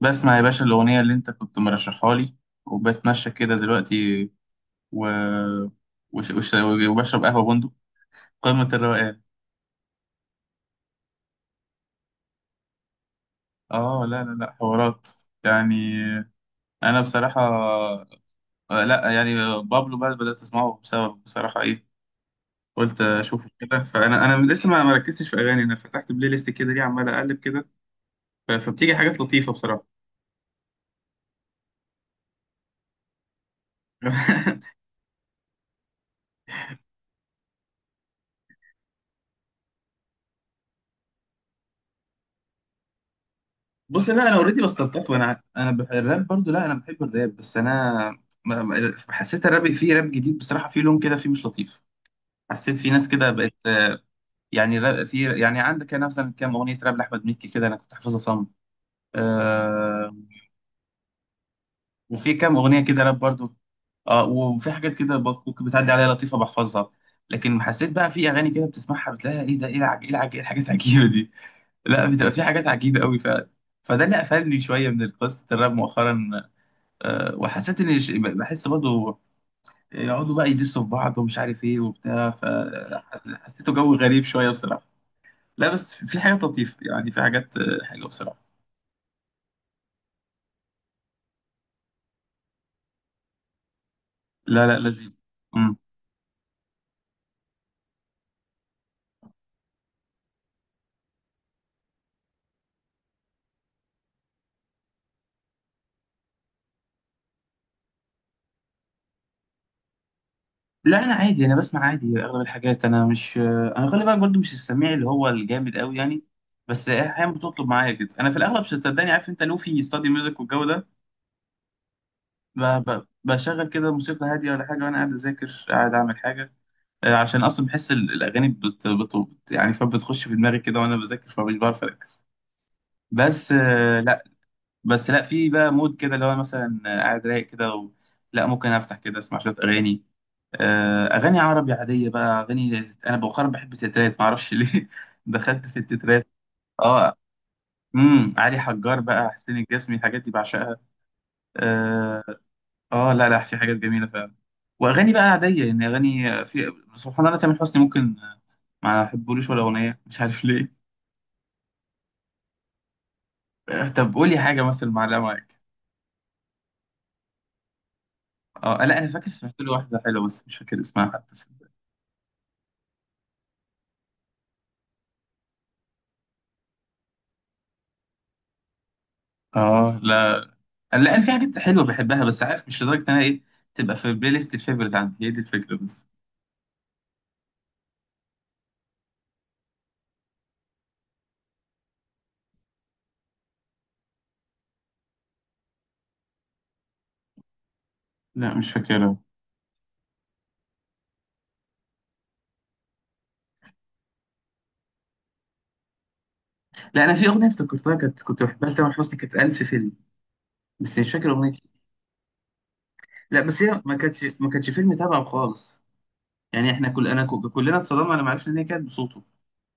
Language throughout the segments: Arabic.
بسمع يا باشا الأغنية اللي أنت كنت مرشحها لي وبتمشى كده دلوقتي و... وش... وش... وبشرب قهوة بندق. قمة الروقان. لا لا لا حوارات، يعني. أنا بصراحة، لا، يعني. بابلو بقى بدأت أسمعه بسبب، بصراحة، إيه؟ قلت أشوفه كده. فأنا لسه ما ركزتش في أغاني، أنا فتحت بلاي ليست كده ليه، عمال أقلب كده. فبتيجي حاجات لطيفة بصراحة. بص، لا، انا اوريدي بستلطفه. الراب برضو، لا، انا بحب الراب، بس انا حسيت الراب، في راب جديد بصراحه، في لون كده فيه مش لطيف. حسيت في ناس كده بقت، يعني را- في يعني عندك انا مثلا كام اغنيه راب لاحمد مكي كده، انا كنت حافظها صم. آه. وفي كام اغنيه كده راب برضو. اه، وفي حاجات كده ممكن بتعدي عليا لطيفه بحفظها. لكن حسيت بقى في اغاني كده بتسمعها بتلاقيها ايه ده، ايه الحاجات العجيبه دي؟ لا، بتبقى في حاجات عجيبه قوي فعلا. فده اللي قفلني شويه من قصه الراب مؤخرا. وحسيت بحس برضه يقعدوا بقى يدسوا في بعض ومش عارف ايه وبتاع، فحسيته جو غريب شويه بصراحه. لا بس في حاجات لطيفه، يعني في حاجات حلوه بصراحه. لا لا، لذيذ. مم. لا، انا عادي، انا بسمع عادي اغلب الحاجات. انا مش، انا خلي بالك برضه مش السميع اللي هو الجامد قوي، يعني. بس احيانا بتطلب معايا كده. انا في الاغلب، صدقني، عارف انت لوفي ستادي ميوزك والجو ده، ب- بشغل كده موسيقى هاديه ولا حاجه وانا قاعد اذاكر قاعد اعمل حاجه. عشان اصلا بحس الاغاني يعني فبتخش في دماغي كده وانا بذاكر فمش بعرف اركز. بس، لا. بس لا في بقى مود كده اللي هو مثلا، قاعد رايق كده و... لا، ممكن افتح كده اسمع شويه اغاني. اغاني عربي عاديه بقى. اغاني، انا بؤخرا بحب التترات، معرفش ليه، دخلت في التترات. اه. علي حجار بقى، حسين الجسمي، الحاجات دي بعشقها. آه. اه لا لا، في حاجات جميله فعلا. واغاني بقى عاديه يعني، اغاني في سبحان الله. تامر حسني، ممكن، ما احبولوش ولا اغنيه، مش عارف ليه. طب قولي حاجه مثلا معلقه معاك. اه، لا، انا فاكر سمعت له واحده حلوه بس مش فاكر اسمها حتى. اه لا لا، انا في حاجات حلوه بحبها، بس عارف مش لدرجه إن انا ايه، تبقى في البلاي ليست الفيفوريت عندي. هي دي الفكره بس. لا، مش فاكرها. لا، انا في اغنيه افتكرتها كانت، كنت بحبها لتامر حسني، كانت ألف فيلم، بس مش فاكر اغنيه إيه. لا، بس هي ما كانتش فيلم تابعه خالص، يعني احنا كل، كلنا اتصدمنا لما عرفنا ان هي كانت بصوته.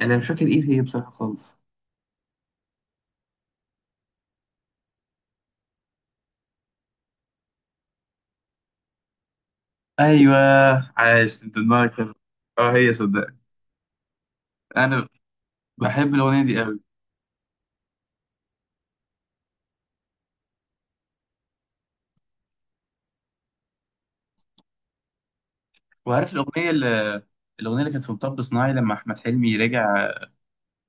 انا مش فاكر ايه هي بصراحه خالص. ايوه، عايش انت دماغك حلو. اه هي صدق. انا بحب الاغنيه دي قوي. وعارف الاغنيه اللي، الاغنيه اللي كانت في مطب صناعي لما احمد حلمي رجع،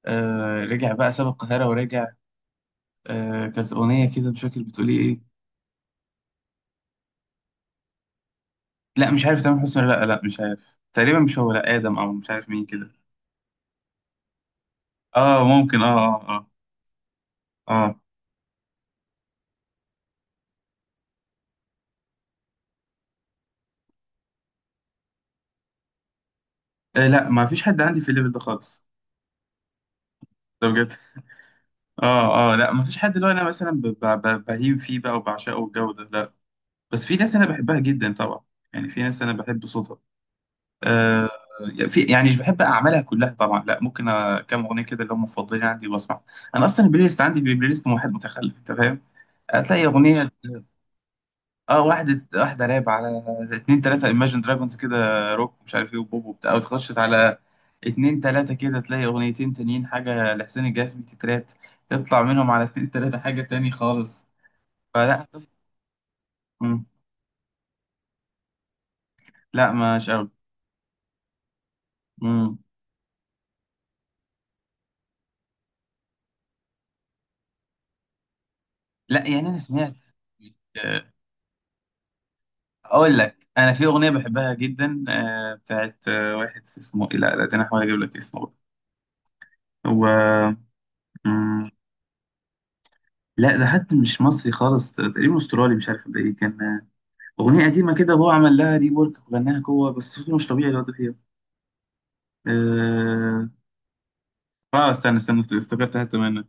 آه رجع بقى ساب القاهره ورجع، آه كانت اغنيه كده مش فاكر بتقول ايه؟ لا مش عارف تامر حسني ولا لا لا، مش عارف. تقريبا مش هو، لا ادم او مش عارف مين كده. اه ممكن، اه اه. اه، آه. آه لا، ما فيش حد عندي في الليفل ده خالص. ده بجد. اه اه، لا ما فيش حد اللي هو انا مثلا بهيم فيه بقى وبعشقه والجو ده، لا. بس في ناس انا بحبها جدا طبعا. يعني في ناس انا بحب صوتها، آه. في يعني مش بحب اعمالها كلها طبعا، لا ممكن كام اغنيه كده اللي هم مفضلين عندي واسمع. انا اصلا البلاي ليست عندي، بلاي ليست واحد متخلف، انت فاهم؟ هتلاقي اغنيه، اه، واحدة واحدة راب، على اتنين تلاتة ايماجن دراجونز كده، روك ومش عارف ايه، وبوب وبتاع، وتخشت على اتنين تلاتة كده تلاقي اغنيتين تانيين، حاجة لحسين الجسمي تترات، تطلع منهم على اتنين تلاتة حاجة تاني خالص. فلا. مم. لا مش قوي. مم. لا يعني انا سمعت. آه، اقول لك، انا في اغنية بحبها جدا، بتاعت واحد اسمه إيه؟ لا لا، ده انا هحاول اجيب لك اسمه بقى. هو، مم. لا ده حتى مش مصري خالص، تقريبا استرالي مش عارف ده ايه كان. أغنية قديمة كده، هو عمل لها ري ورك وغناها جوه، بس صوته مش طبيعي الواد فيها. آه... آه استنى استنى افتكرت حتة منها.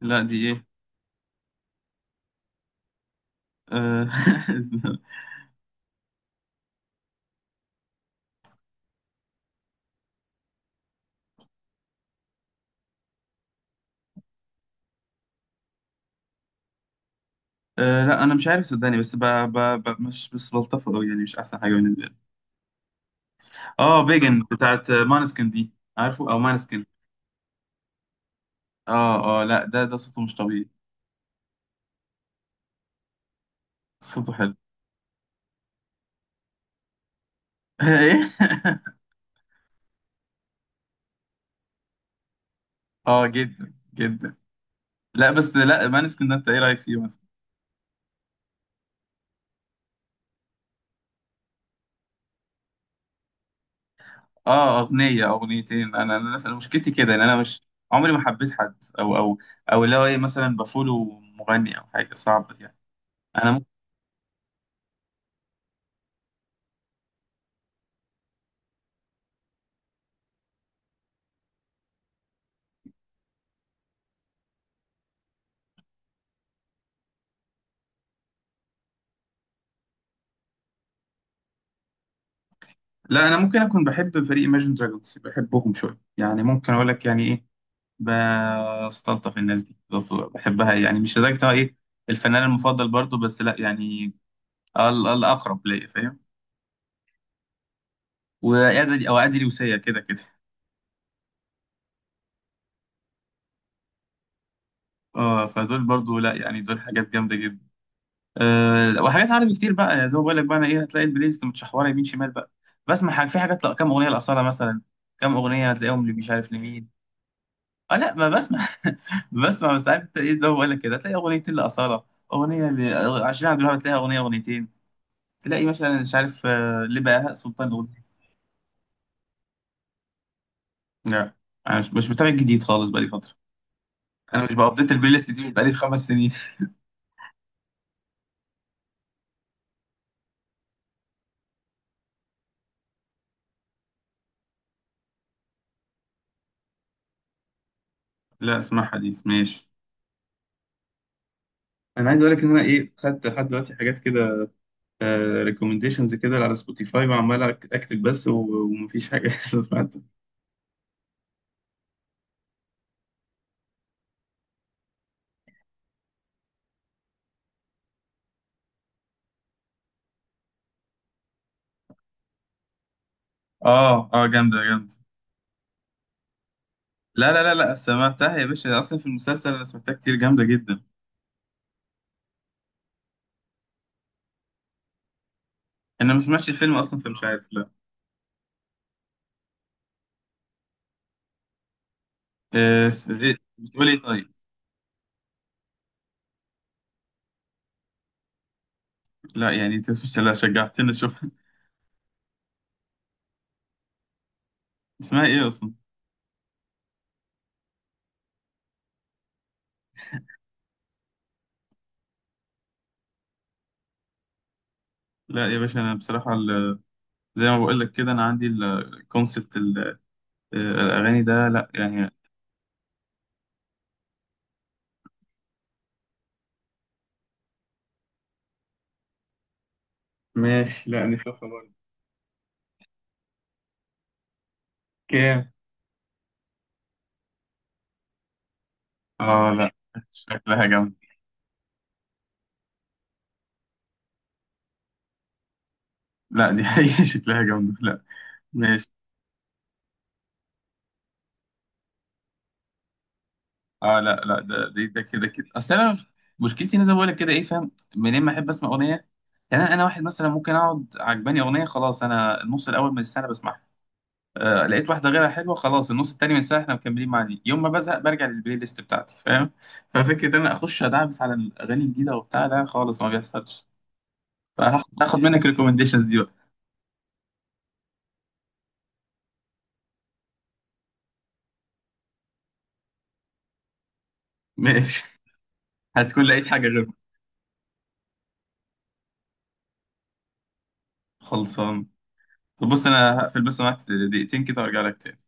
لا دي إيه. آه... آه... لا أنا مش عارف صدقني، بس مش بس بلطفه أوي يعني، مش أحسن حاجة بالنسبة لي. آه بيجن بتاعت مانسكن دي، عارفه أو مانسكن. آه آه، لا ده ده صوته مش طبيعي. صوته حلو. إيه؟ آه جدا جدا. لا بس، لا مانسكن ده أنت إيه رأيك فيه مثلا؟ اه اغنيه او اغنيتين. انا انا أنا مشكلتي كده ان انا مش عمري ما حبيت حد، او او اللي هو ايه، مثلا بفولو مغني او حاجه، صعب يعني. انا ممكن، لا انا ممكن اكون بحب فريق Imagine Dragons، بحبهم شويه يعني، ممكن اقول لك يعني ايه، بستلطف الناس دي، بحبها، يعني مش لدرجه إن هو ايه، الفنان المفضل برضو، بس لا يعني الاقرب ليا، فاهم؟ وادي، او ادي لوسية كده كده. اه، فدول برضو، لا يعني دول حاجات جامده جدا. أه، وحاجات عربي كتير بقى. يعني زي ما بقول لك بقى، انا ايه، هتلاقي البلاي ليست متشحوره يمين شمال بقى. بسمع حاجة، في حاجات، لا كام اغنيه لاصالة مثلا، كام اغنيه هتلاقيهم اللي مش عارف لمين. اه لا، ما بسمع. بسمع، بس عارف انت ايه، زي ما بقول لك كده هتلاقي اغنيتين لاصالة، اغنيه ل 20 عبد الوهاب، هتلاقيها اغنيه، اغنيتين، تلاقي مثلا مش عارف لبهاء سلطان اغنيه. لا انا مش، مش متابع جديد خالص بقالي فتره. انا مش بابديت البلاي ليست دي من بقالي خمس سنين. لا اسمعها دي، ماشي. انا عايز اقول لك ان انا ايه، خدت لحد دلوقتي حاجات كده ريكومنديشنز كده على سبوتيفاي، وعمال اكتب بس، ومفيش حاجه لسه سمعتها. اه اه جامدة جامدة. لا لا لا لا سمعتها يا باشا، اصلا في المسلسل انا سمعتها كتير، جامدة جدا. انا ما سمعتش الفيلم اصلا، فمش عارف لا. إيه إيه بتقول ايه طيب؟ لا يعني انت مش، لا شجعتني اشوف. اسمها ايه اصلا؟ لا يا باشا، انا بصراحة زي ما بقول لك كده، انا عندي الكونسبت الاغاني ده لا يعني. ماشي، لا نشوفها برضه. كام؟ اه لا شكلها جامدة. لا دي حقيقة شكلها جامدة. لا ماشي. اه لا لا، ده ده، ده كده كده، اصل انا مش- مشكلتي إن انا زي ما بقول لك كده ايه، فاهم منين، ما احب اسمع اغنيه. يعني أنا واحد مثلا ممكن اقعد عجباني اغنيه، خلاص انا النص الاول من السنه بسمعها، آه لقيت واحده غيرها حلوه، خلاص النص التاني من السنه احنا مكملين مع دي. يوم ما بزهق برجع للبلاي ليست بتاعتي، فاهم؟ ففكره ان انا اخش ادعبس على الاغاني الجديده وبتاع، لا خالص ما بيحصلش. هاخد منك ريكومنديشنز دي بقى. ماشي. هتكون لقيت حاجه غيرهم. خلصان. طب بص انا هقفل بس معاك دقيقتين كده وارجع لك تاني.